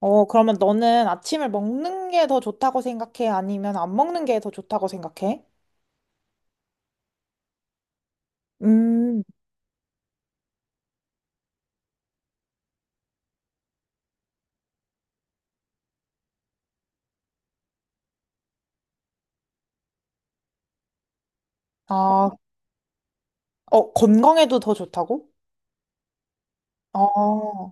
그러면 너는 아침을 먹는 게 더 좋다고 생각해? 아니면 안 먹는 게 더 좋다고 생각해? 음, 아, 건강에도 더 좋다고? 아,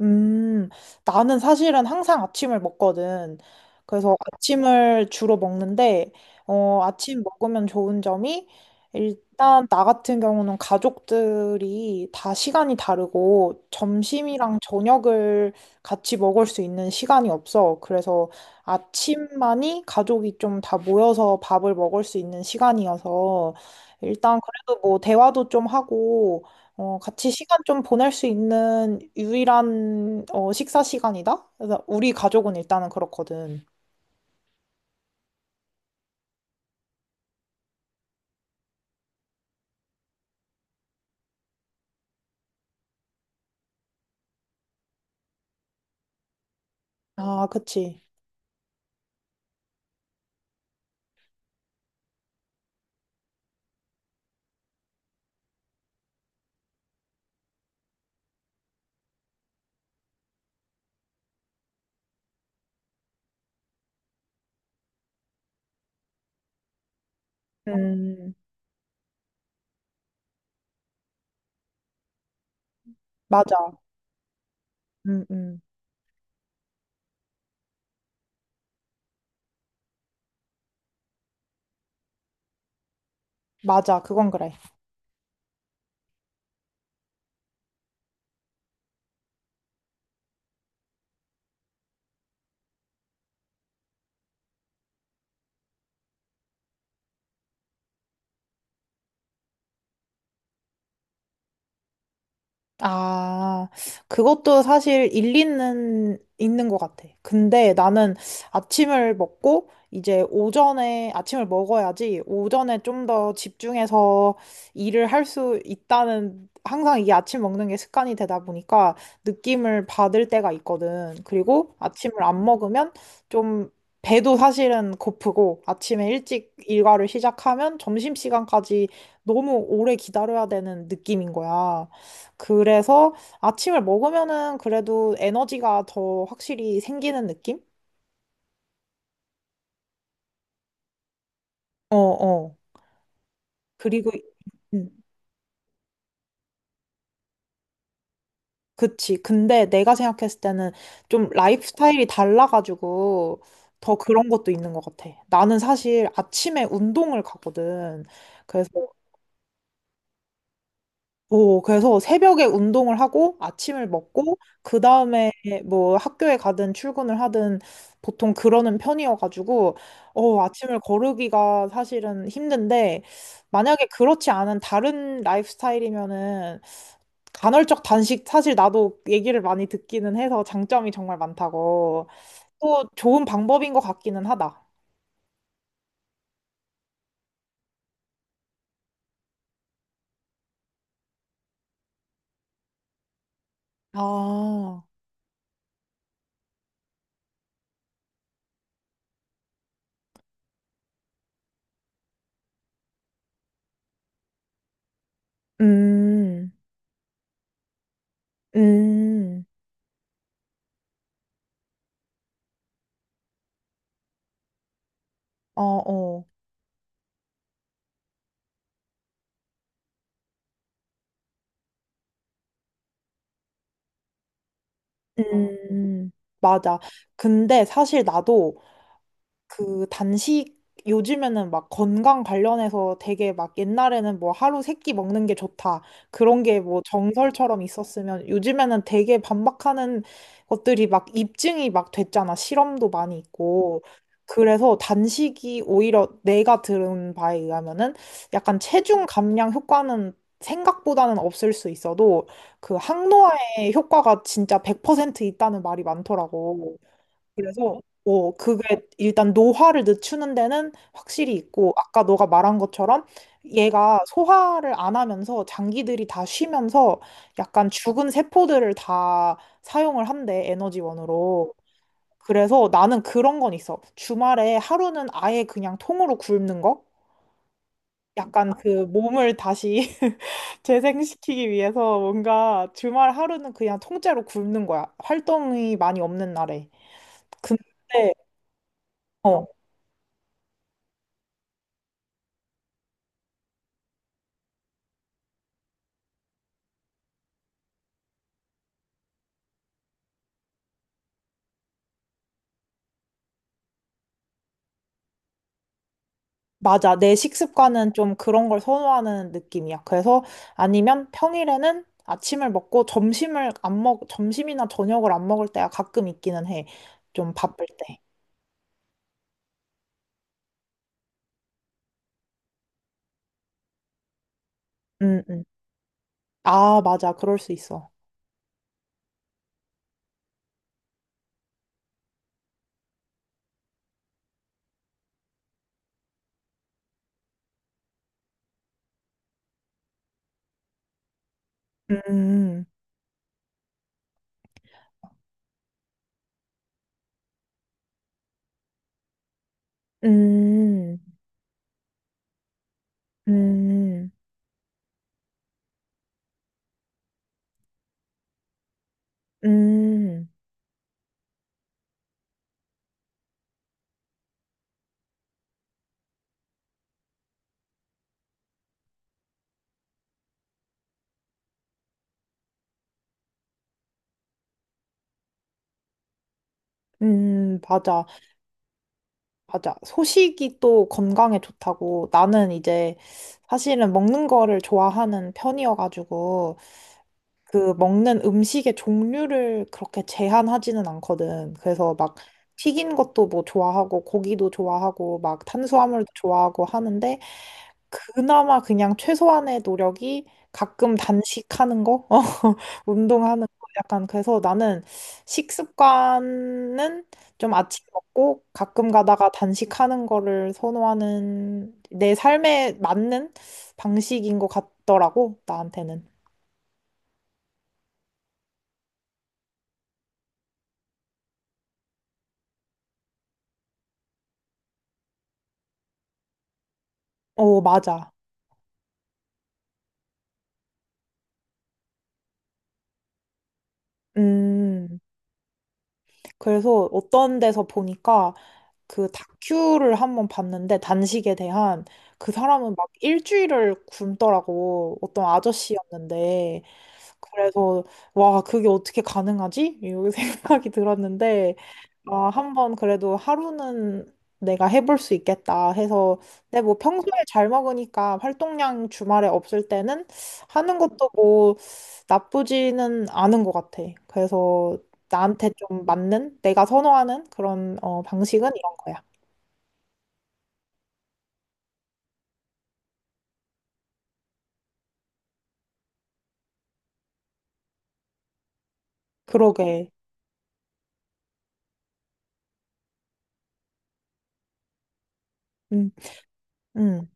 음, 나는 사실은 항상 아침을 먹거든. 그래서 아침을 주로 먹는데, 아침 먹으면 좋은 점이, 일단 나 같은 경우는 가족들이 다 시간이 다르고, 점심이랑 저녁을 같이 먹을 수 있는 시간이 없어. 그래서 아침만이 가족이 좀 다 모여서 밥을 먹을 수 있는 시간이어서, 일단 그래도 뭐 대화도 좀 하고, 같이 시간 좀 보낼 수 있는 유일한 식사 시간이다? 그래서 우리 가족은 일단은 그렇거든. 아, 그치. 음, 맞아. 음, 음. 맞아. 그건 그래. 아, 그것도 사실 일리는 있는 것 같아. 근데 나는 아침을 먹고 이제 오전에 아침을 먹어야지 오전에 좀 더 집중해서 일을 할 수 있다는 항상 이게 아침 먹는 게 습관이 되다 보니까 느낌을 받을 때가 있거든. 그리고 아침을 안 먹으면 좀 배도 사실은 고프고 아침에 일찍 일과를 시작하면 점심시간까지 너무 오래 기다려야 되는 느낌인 거야. 그래서 아침을 먹으면은 그래도 에너지가 더 확실히 생기는 느낌? 어, 어. 그리고, 음, 그치. 근데 내가 생각했을 때는 좀 라이프 스타일이 달라가지고 더 그런 것도 있는 것 같아. 나는 사실 아침에 운동을 가거든. 그래서 오, 그래서 새벽에 운동을 하고 아침을 먹고 그 다음에 뭐 학교에 가든 출근을 하든 보통 그러는 편이어가지고 아침을 거르기가 사실은 힘든데 만약에 그렇지 않은 다른 라이프 스타일이면은 간헐적 단식 사실 나도 얘기를 많이 듣기는 해서 장점이 정말 많다고 또 좋은 방법인 것 같기는 하다. 아, 음, 음, 어, 어. 음, 맞아. 근데 사실 나도 그 단식 요즘에는 막 건강 관련해서 되게 막 옛날에는 뭐 하루 세끼 먹는 게 좋다. 그런 게 뭐 정설처럼 있었으면 요즘에는 되게 반박하는 것들이 막 입증이 막 됐잖아. 실험도 많이 있고. 그래서 단식이 오히려 내가 들은 바에 의하면은 약간 체중 감량 효과는 생각보다는 없을 수 있어도 그 항노화의 효과가 진짜 100% 있다는 말이 많더라고. 그래서 그게 일단 노화를 늦추는 데는 확실히 있고 아까 너가 말한 것처럼 얘가 소화를 안 하면서 장기들이 다 쉬면서 약간 죽은 세포들을 다 사용을 한대 에너지원으로. 그래서 나는 그런 건 있어. 주말에 하루는 아예 그냥 통으로 굶는 거? 약간 그 몸을 다시 재생시키기 위해서 뭔가 주말 하루는 그냥 통째로 굶는 거야. 활동이 많이 없는 날에. 근데 어, 맞아. 내 식습관은 좀 그런 걸 선호하는 느낌이야. 그래서 아니면 평일에는 아침을 먹고 점심을 안 먹, 점심이나 저녁을 안 먹을 때가 가끔 있기는 해. 좀 바쁠 때. 음, 음. 아, 맞아. 그럴 수 있어. 음, 음, 음, 음, 맞아. 맞아. 소식이 또 건강에 좋다고. 나는 이제 사실은 먹는 거를 좋아하는 편이어가지고. 그 먹는 음식의 종류를 그렇게 제한하지는 않거든. 그래서 막 튀긴 것도 뭐 좋아하고 고기도 좋아하고 막 탄수화물도 좋아하고 하는데 그나마 그냥 최소한의 노력이 가끔 단식하는 거, 어, 운동하는 거 약간 그래서 나는 식습관은 좀 아침 먹고 가끔 가다가 단식하는 거를 선호하는 내 삶에 맞는 방식인 것 같더라고 나한테는. 어 맞아. 음, 그래서 어떤 데서 보니까 그 다큐를 한번 봤는데 단식에 대한 그 사람은 막 일주일을 굶더라고. 어떤 아저씨였는데. 그래서 와, 그게 어떻게 가능하지? 이 생각이 들었는데 아, 한번 그래도 하루는 내가 해볼 수 있겠다 해서, 근데 뭐 평소에 잘 먹으니까 활동량 주말에 없을 때는 하는 것도 뭐 나쁘지는 않은 것 같아. 그래서 나한테 좀 맞는, 내가 선호하는 그런 방식은 이런 거야. 그러게. 음, 음,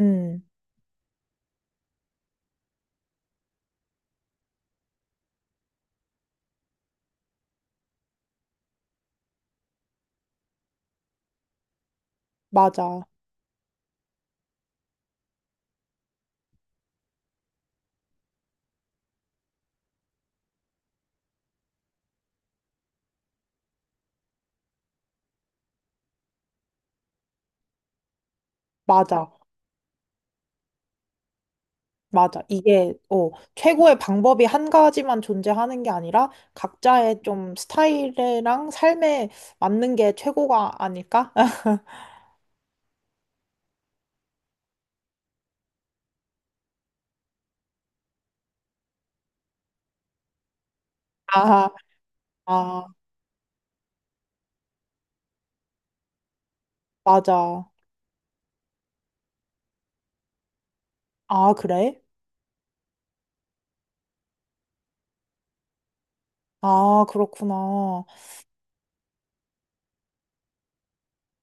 음, 맞아, 맞아. 맞아. 최고의 방법이 한 가지만 존재하는 게 아니라 각자의 좀 스타일이랑 삶에 맞는 게 최고가 아닐까? 아, 아, 맞아. 아, 그래? 아, 그렇구나.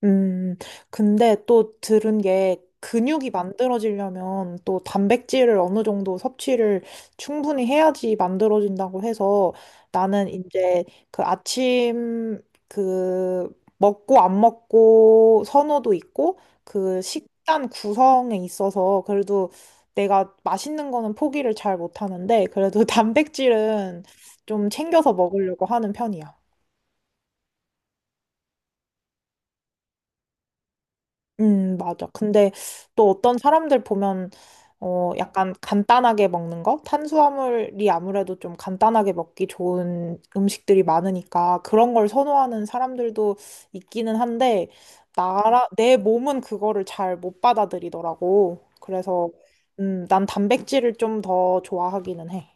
음, 근데 또 들은 게 근육이 만들어지려면 또 단백질을 어느 정도 섭취를 충분히 해야지 만들어진다고 해서 나는 이제 그 아침 그 먹고 안 먹고 선호도 있고 그 식단 구성에 있어서 그래도 내가 맛있는 거는 포기를 잘 못하는데 그래도 단백질은 좀 챙겨서 먹으려고 하는 편이야. 맞아. 근데 또 어떤 사람들 보면, 약간 간단하게 먹는 거? 탄수화물이 아무래도 좀 간단하게 먹기 좋은 음식들이 많으니까 그런 걸 선호하는 사람들도 있기는 한데, 내 몸은 그거를 잘 못 받아들이더라고. 그래서, 난 단백질을 좀 더 좋아하기는 해.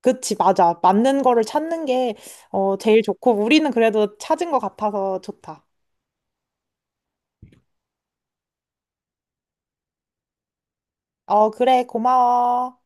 그치, 맞아. 맞는 거를 찾는 게 제일 좋고, 우리는 그래도 찾은 것 같아서 좋다. 어, 그래, 고마워.